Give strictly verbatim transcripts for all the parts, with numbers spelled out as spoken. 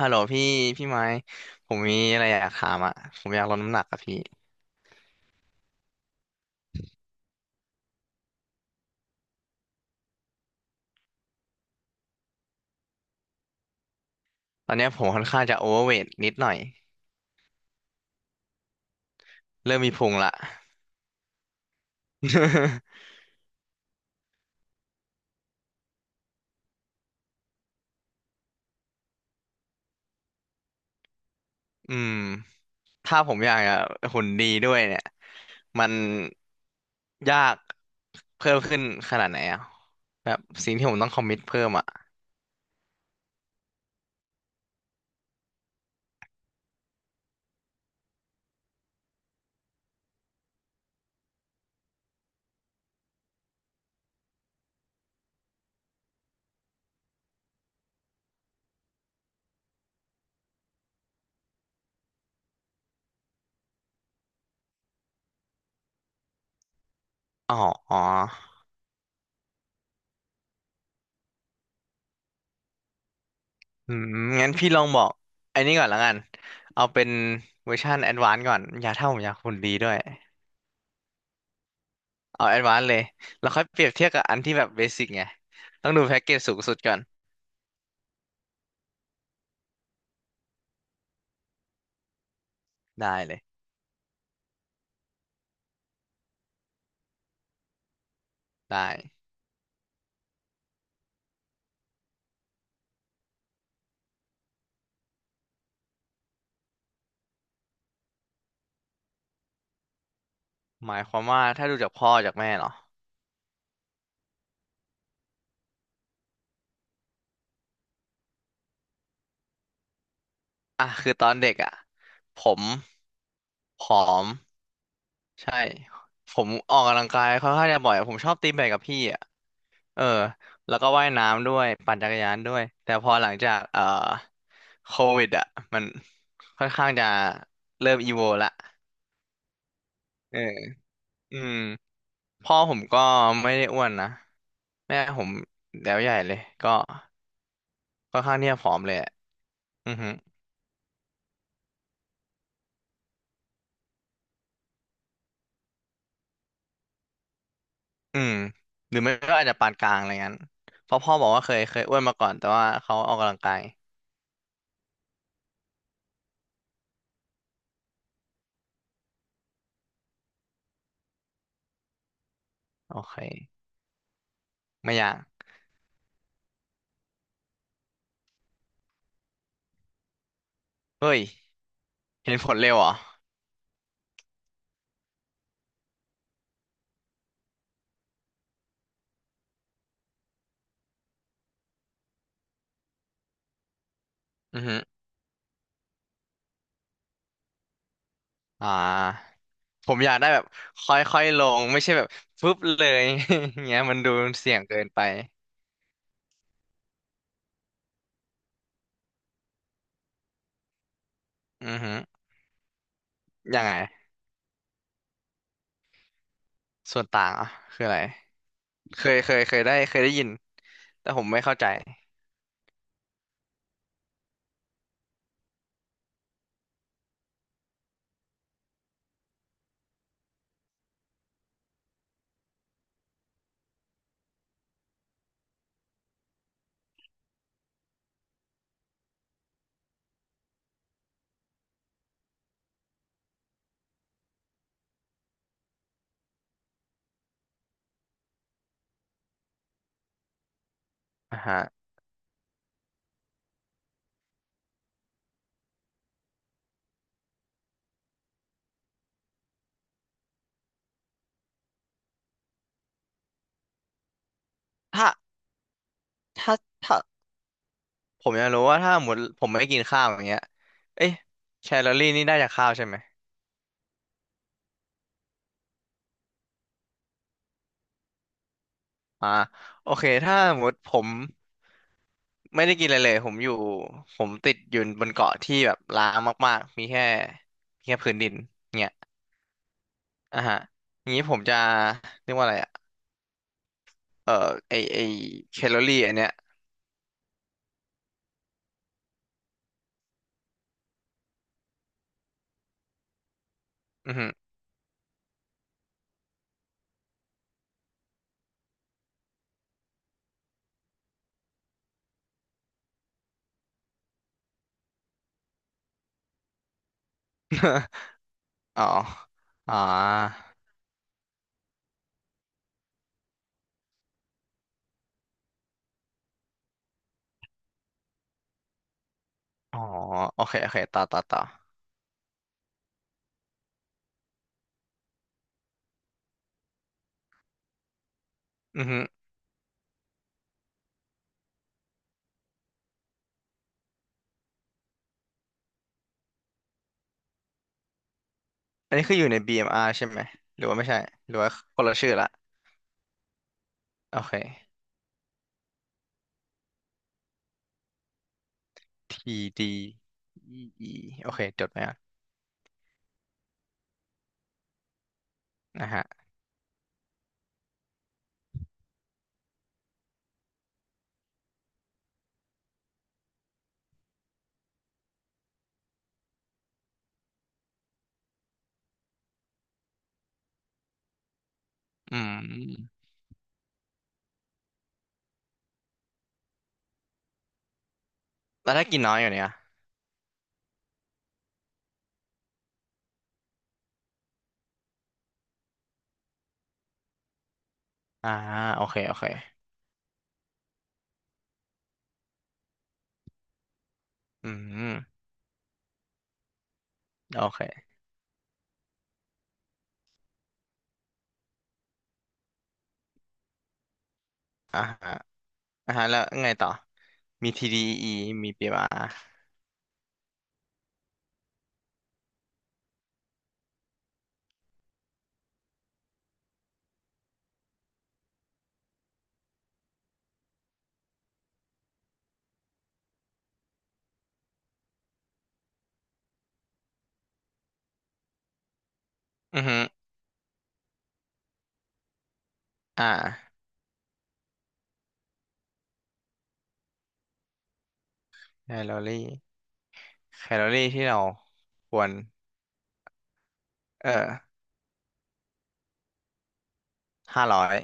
ฮัลโหลพี่พี่ไม้ผมมีอะไรอยากถามอ่ะผมอยากลดน้ำหนักอะพี่ตอนเนี้ยผมค่อนข้างจะโอเวอร์เวทนิดหน่อยเริ่มมีพุงละ อืมถ้าผมอยากจะหุ่นดีด้วยเนี่ยมันยากเพิ่มขึ้นขนาดไหนอ่ะแบบสิ่งที่ผมต้องคอมมิตเพิ่มอ่ะอ๋ออ๋ออืมงั้นพี่ลองบอกไอ้นี่ก่อนละกันเอาเป็นเวอร์ชันแอดวานซ์ก่อนอยากถ้าผมอยากหุ่นดีด้วย เอาแอดวานซ์เลย แล้วค่อยเปรียบเทียบกับอันที่แบบเบสิกไงต้องดูแพ็กเกจสูงสุดก่อนได้เลย ได้ หมายความว่าถ้าดูจากพ่อจากแม่เนาะอ่ะคือตอนเด็กอ่ะผมผอม ใช่ ผมออกกำลังกายค่อนข้างจะบ่อยอะผมชอบตีแบดกับพี่อ่ะเออ แล้วก็ว่ายน้ำด้วย ปั่นจักรยานด้วย แต่พอหลังจากเอ่อโควิดอ่ะมันค่อนข้างจะเริ่มอีโวละเอออืม พ่อผมก็ไม่ได้อ้วนนะแม่ผมแล้วใหญ่เลยก็ค่อนข้างที่จะผอมเลยอะอือฮึอืมหรือไม่ก็อาจจะปานกลางอะไรงั้นเพราะพ่อบอกว่าเคยเคยอ้วนมาก่อนแต่ว่าเขาออกกำลังกายโอเคไม่อยากเฮ้ยเห็นผลเร็วเหรออือฮึอ่าผมอยากได้แบบค่อยๆลงไม่ใช่แบบฟึบเลย อย่างเงี้ยมันดูเสี่ยงเกินไปอือฮึยังไงส่วนต่างอ่ะคืออะไรเคยเคยเคยได้เคยได้ยินแต่ผมไม่เข้าใจอ่าฮะ ถ้าถ้าถ้าผมอยากรู้ว่าถ้าหมดผมไม่กินข้าวอย่างเงี้ยเอ๊ะแคลอรี่นี่ได้จากข้าวใช่ไหมอ่าโอเคถ้าหมดผมไม่ได้กินอะไรเลยผมอยู่ผมติดอยู่บนเกาะที่แบบร้างมากๆมีแค่มีแค่พื้นดินเนี่ยอ่ะฮะอย่างนี้ผมจะเรียกว่าอะไรอ่ะเอ่อไอไอแคลอรี่อันเนี้ยอือฮึ อ๋ออ๋ออ๋อโอเคโอเคต่อต่อต่ออือฮึ อันนี้คืออยู่ใน บี เอ็ม อาร์ ใช่ไหมหรือว่าไม่ใช่หรือว่าคนละชื่อละโอเค ที ดี อี อี โอเคจดไว้อ่ะนนะฮะอืมแล้วถ้ากินน้อยอยู่เนี่ยอ่าโอเคโอเคอืมโอเคอ่าฮะอ่าฮะแล้วไงต่อมี ที ดี อี อี มี บี เอ็ม อาร์ อมอาร์อือฮึอ่าแคลอรี่แคลอรี่ที่เราควรเออห้าร้อย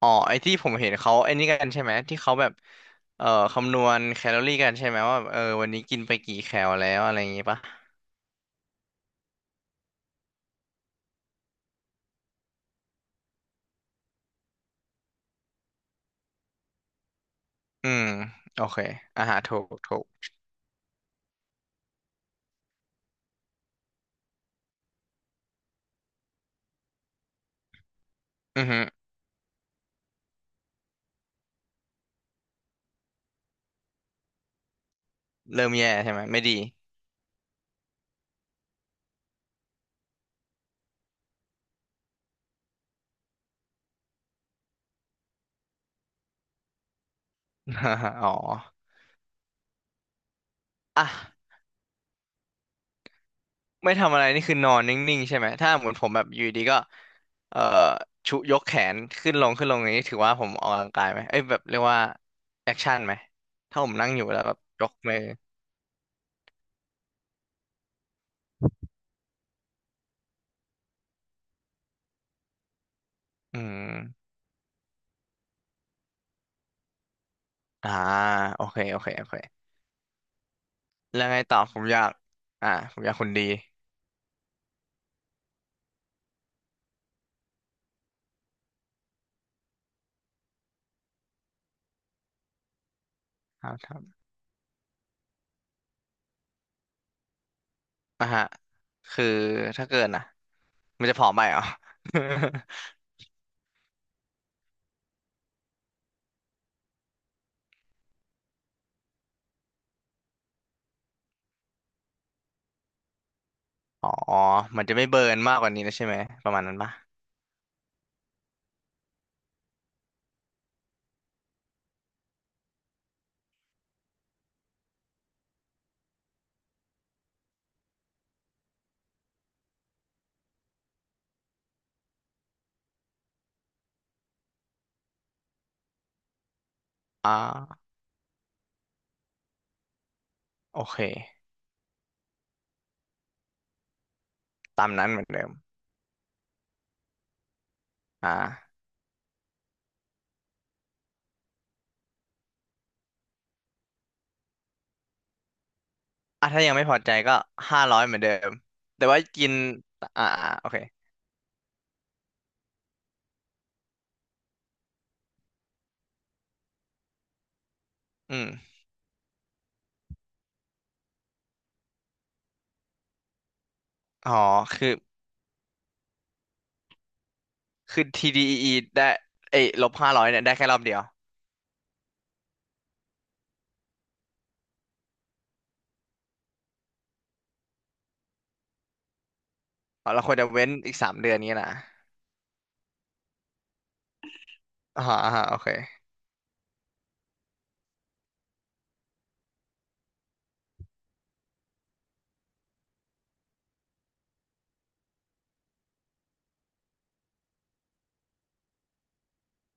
อ๋อไอ้ที่ผมเห็นเขาไอ้นี่กันใช่ไหมที่เขาแบบเอ่อคำนวณแคลอรี่กันใช่ไหมว่าแบบเออวันนี้กินไปกี่แคลแล้วอะไรอย่างงี้ปะอืมโอเคอาหารถูกถูกอือฮึเริ่มแย่ใช่ไหมไม่ดี อ๋ออ่ะไม่ทำอะไรนี่คือนอนนิ่งๆใช่ไหมถ้าเหมือนผมแบบอยู่ดีก็เอ่อชุยกแขนขึ้นลงขึ้นลงอย่างนี้ถือว่าผมออกกำลังกายไหมเอ้ยแบบเรียกว่าแอคชั่นไหมถ้าผมนั่งอยู่แล้วแบบยกมืออืมอ่าโอเคโอเคโอเค แล้วไงต่อผมอยากอ่าผมอยากหุ่นดีครับครับอ่ะฮะคือถ้าเกินอ่ะมันจะผอมไปเหรอ อ๋อมันจะไม่เบิร์นมากกว่านี้นะใช่ไหมประมาณนั้นปะอ่าโอเคตามนั้นเหมือนเดิมอ่าอ่ะถ้ายังไม่พอใจก็ห้าร้อยเหมือนเดิมแต่ว่ากินอ่าโอเคอืมอ๋อคือคือ ที ดี อี อี ได้เอ้ยลบห้าร้อยเนี่ยได้แค่รอบเดียวอ๋อเราควรจะเว้นอีกสามเดือนนี้นะอ่าอ่าโอเค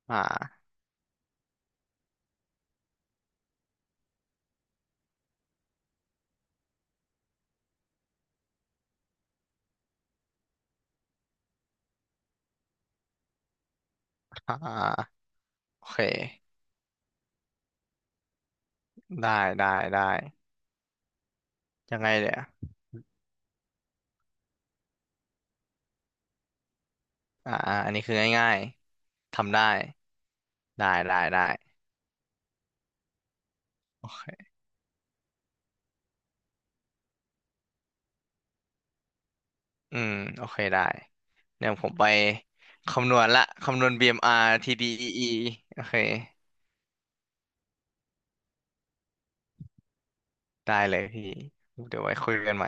อ่าอ่าโอเค ได้ได้ได้ยังไงเดี๋ยวอ่าอ่าอันนี้คือง่ายๆทำได้ได้ได้ได้โอเคอืมโอเคได้เดี๋ยวผมไปคำนวณละคำนวณ บี เอ็ม อาร์ ที ดี อี อี โอเคได้เลยพี่เดี๋ยวไว้คุยกันใหม่